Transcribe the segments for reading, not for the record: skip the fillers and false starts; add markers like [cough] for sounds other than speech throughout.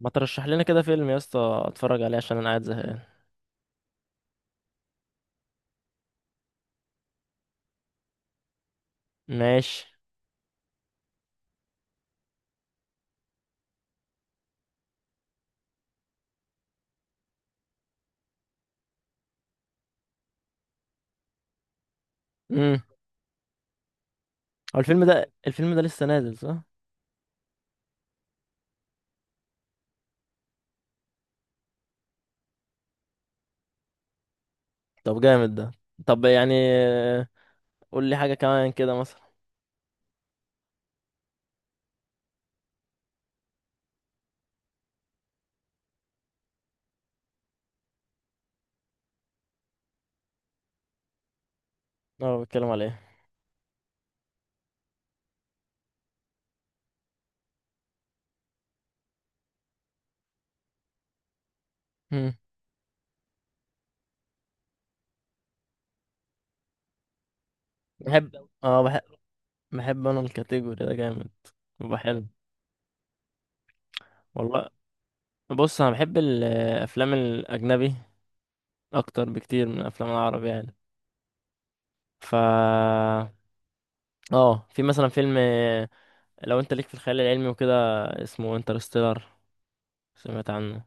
ما ترشح لنا كده فيلم يا اسطى اتفرج عليه عشان انا قاعد زهقان؟ ماشي. امم. هو الفيلم ده لسه نازل صح؟ طب جامد ده. طب يعني قول لي حاجه كمان كده مثلا. اه، بتكلم على ايه؟ امم. بحب اه بحب بحب انا الكاتيجوري ده جامد. بيبقى حلو. والله، بص انا بحب الافلام الاجنبي اكتر بكتير من الافلام العربي يعني. ف اه، في مثلا فيلم لو انت ليك في الخيال العلمي وكده. اسمه انترستيلر. سمعت عنه؟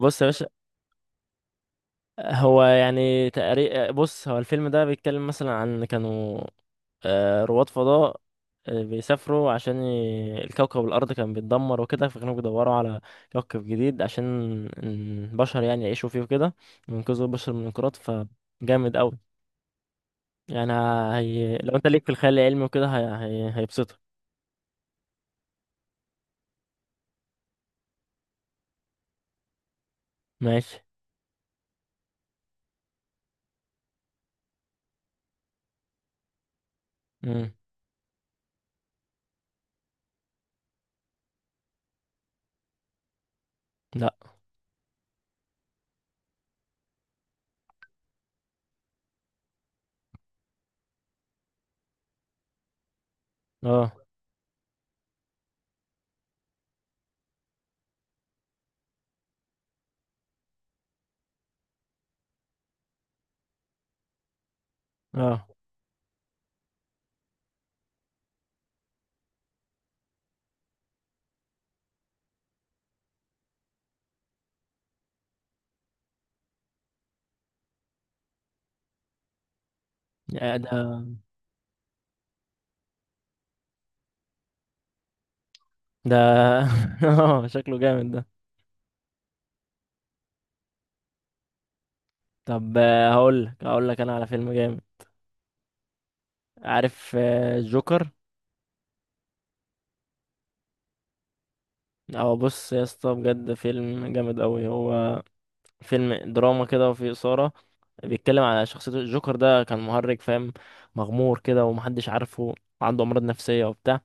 بص يا باشا، هو يعني تقريبا. بص، هو الفيلم ده بيتكلم مثلا عن كانوا رواد فضاء بيسافروا عشان الكوكب الأرض كان بيتدمر وكده، فكانوا بيدوروا على كوكب جديد عشان البشر يعني يعيشوا فيه وكده، وينقذوا البشر من الانقراض فجامد أوي يعني. لو أنت ليك في الخيال العلمي وكده هيبسطك. ماشي. مم. لأ. اه. اه. يا ده. ده. [laughs] اه، شكله جامد ده. طب هقول لك أنا على فيلم جامد. عارف جوكر؟ او، بص يا اسطى، بجد فيلم جامد قوي هو. فيلم دراما كده وفيه اثاره. بيتكلم على شخصيه الجوكر ده، كان مهرج فاهم، مغمور كده ومحدش عارفه. عنده امراض نفسيه وبتاع.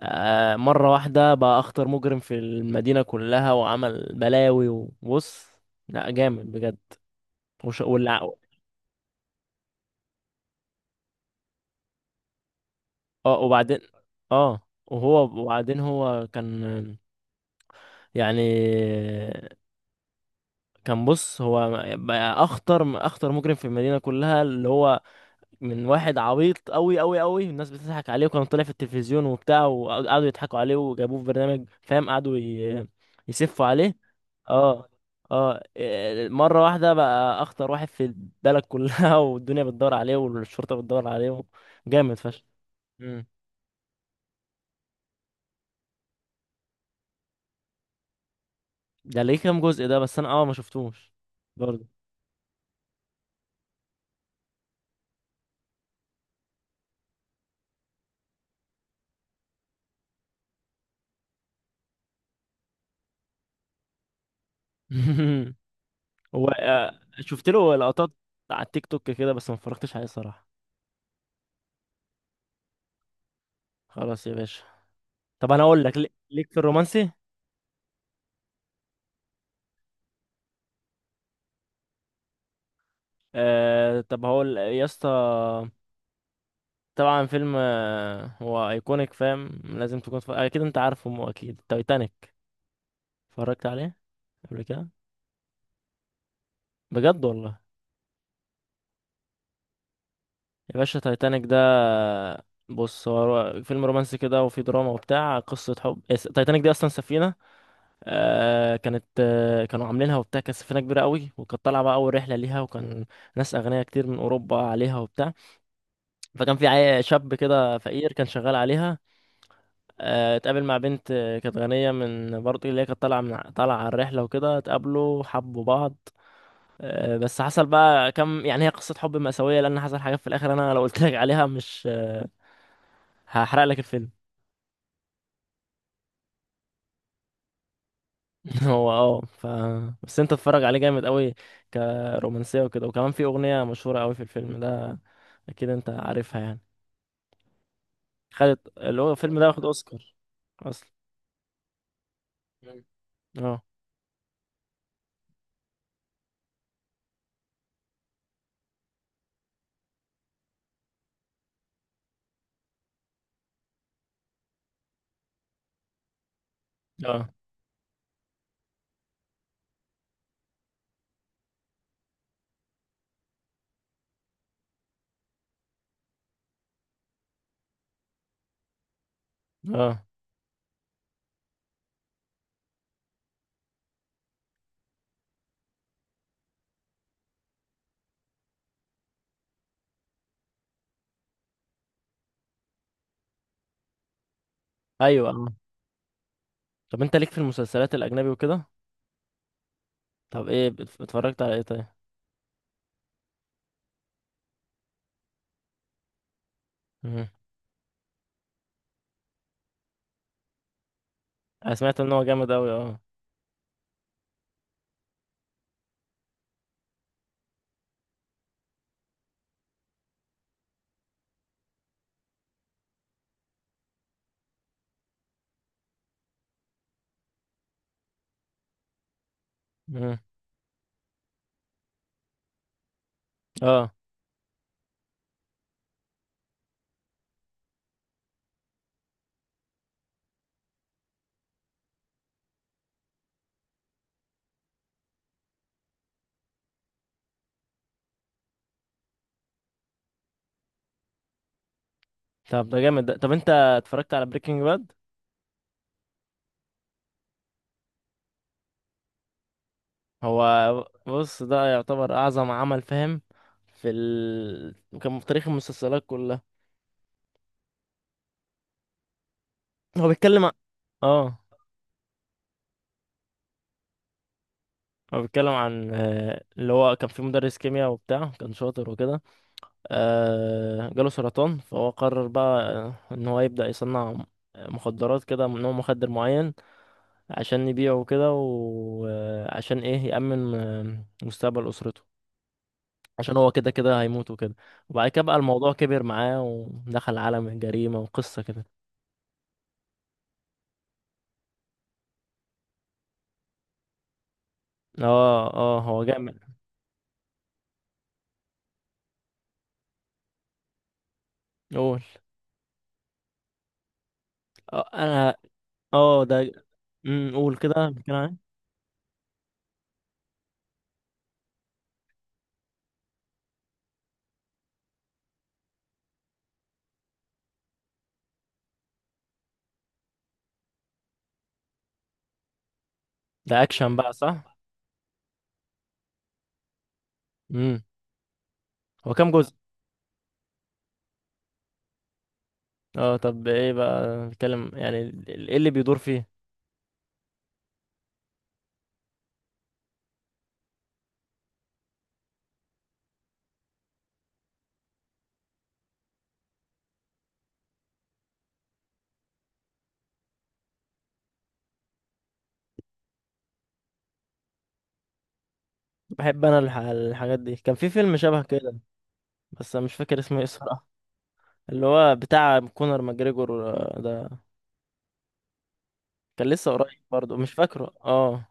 مره واحده بقى اخطر مجرم في المدينه كلها وعمل بلاوي وبص. لا، جامد بجد. وش... والع... اه، وبعدين. اه وبعدين هو كان يعني. كان بص هو بقى اخطر مجرم في المدينه كلها، اللي هو من واحد عبيط قوي قوي قوي، الناس بتضحك عليه وكان طالع في التلفزيون وبتاع، وقعدوا يضحكوا عليه وجابوه في برنامج فاهم، قعدوا يسفوا عليه. اه. اه. مره واحده بقى اخطر واحد في البلد كلها [laughs] والدنيا بتدور عليه والشرطه بتدور عليه. جامد فشخ. مم. ده ليه كام جزء ده؟ بس انا ما شفتوش. برضه. [laughs] هو شفت له لقطات على التيك توك كده، بس ما اتفرجتش عليه صراحة. خلاص يا باشا. طب انا اقول لك ليك في الرومانسي. طب هقول يا اسطى. طبعا فيلم هو ايكونيك فاهم، لازم تكون اكيد انت عارفه، مو اكيد، تايتانيك. اتفرجت عليه قبل كده؟ بجد والله. يا باشا، تايتانيك ده بص، هو فيلم رومانسي كده وفي دراما وبتاع، قصة حب. تايتانيك دي اصلا سفينة. كانت كانوا عاملينها وبتاع، كانت سفينة كبيرة قوي، وكانت طالعة بقى أول رحلة ليها، وكان ناس أغنياء كتير من أوروبا عليها وبتاع. فكان في شاب كده فقير كان شغال عليها. اتقابل مع بنت كانت غنية من برضه، اللي هي كانت طالعة على الرحلة وكده، اتقابلوا حبوا بعض. بس حصل بقى كم يعني، هي قصة حب مأساوية لأن حصل حاجات في الآخر، أنا لو قلت لك عليها مش هحرق لك الفيلم. [laughs] هو اه ف بس انت تتفرج عليه جامد قوي كرومانسيه وكده، وكمان في اغنيه مشهوره قوي في الفيلم ده، اكيد انت عارفها يعني. خدت اللي هو الفيلم ده واخد اوسكار اصلا. مم. اه. اه. اه. ايوه. اه، طب انت ليك في المسلسلات الاجنبي وكده؟ طب ايه اتفرجت على ايه طيب؟ مم. انا سمعت ان هو جامد قوي، اه. مم. اه، طب ده جامد ده. طب انت اتفرجت على بريكنج باد؟ هو بص، ده يعتبر اعظم عمل فاهم في ال... كان في تاريخ المسلسلات كلها. هو بيتكلم عن... اه هو بيتكلم عن اللي هو كان في مدرس كيمياء وبتاع، كان شاطر وكده. جاله سرطان فهو قرر بقى ان هو يبدأ يصنع مخدرات كده من نوع مخدر معين عشان يبيعه وكده، وعشان ايه يأمن مستقبل أسرته عشان هو كده كده هيموت وكده. وبعد كده بقى الموضوع كبر معاه ودخل عالم الجريمة وقصة كده. اه. اه، هو جامد. قول. اه انا. اه ده. قول كده، بيتكلم عن إيه؟ ده اكشن بقى صح؟ امم. هو كام جزء؟ اه، طب ايه بقى بيتكلم يعني ايه اللي بيدور فيه؟ بحب انا الحاجات دي. كان في فيلم شبه كده بس انا مش فاكر اسمه ايه الصراحه، اللي هو بتاع كونر ماجريجور ده، كان لسه قريب برضه مش فاكره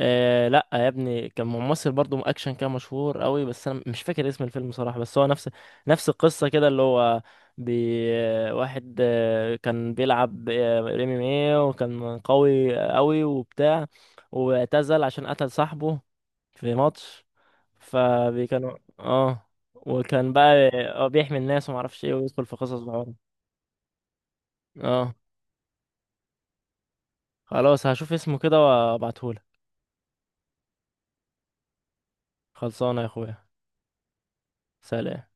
لا يا ابني، كان ممثل برضه اكشن، كان مشهور قوي، بس انا مش فاكر اسم الفيلم صراحة. بس هو نفس القصة كده، اللي هو بي واحد كان بيلعب ام ام ايه، وكان قوي قوي وبتاع، واعتزل عشان قتل صاحبه في ماتش. فكانوا وكان بقى بيحمي الناس ومعرفش ايه ويدخل في قصص بعض. اه، خلاص هشوف اسمه كده وابعتهولك. خلصانه يا اخويا. سلام.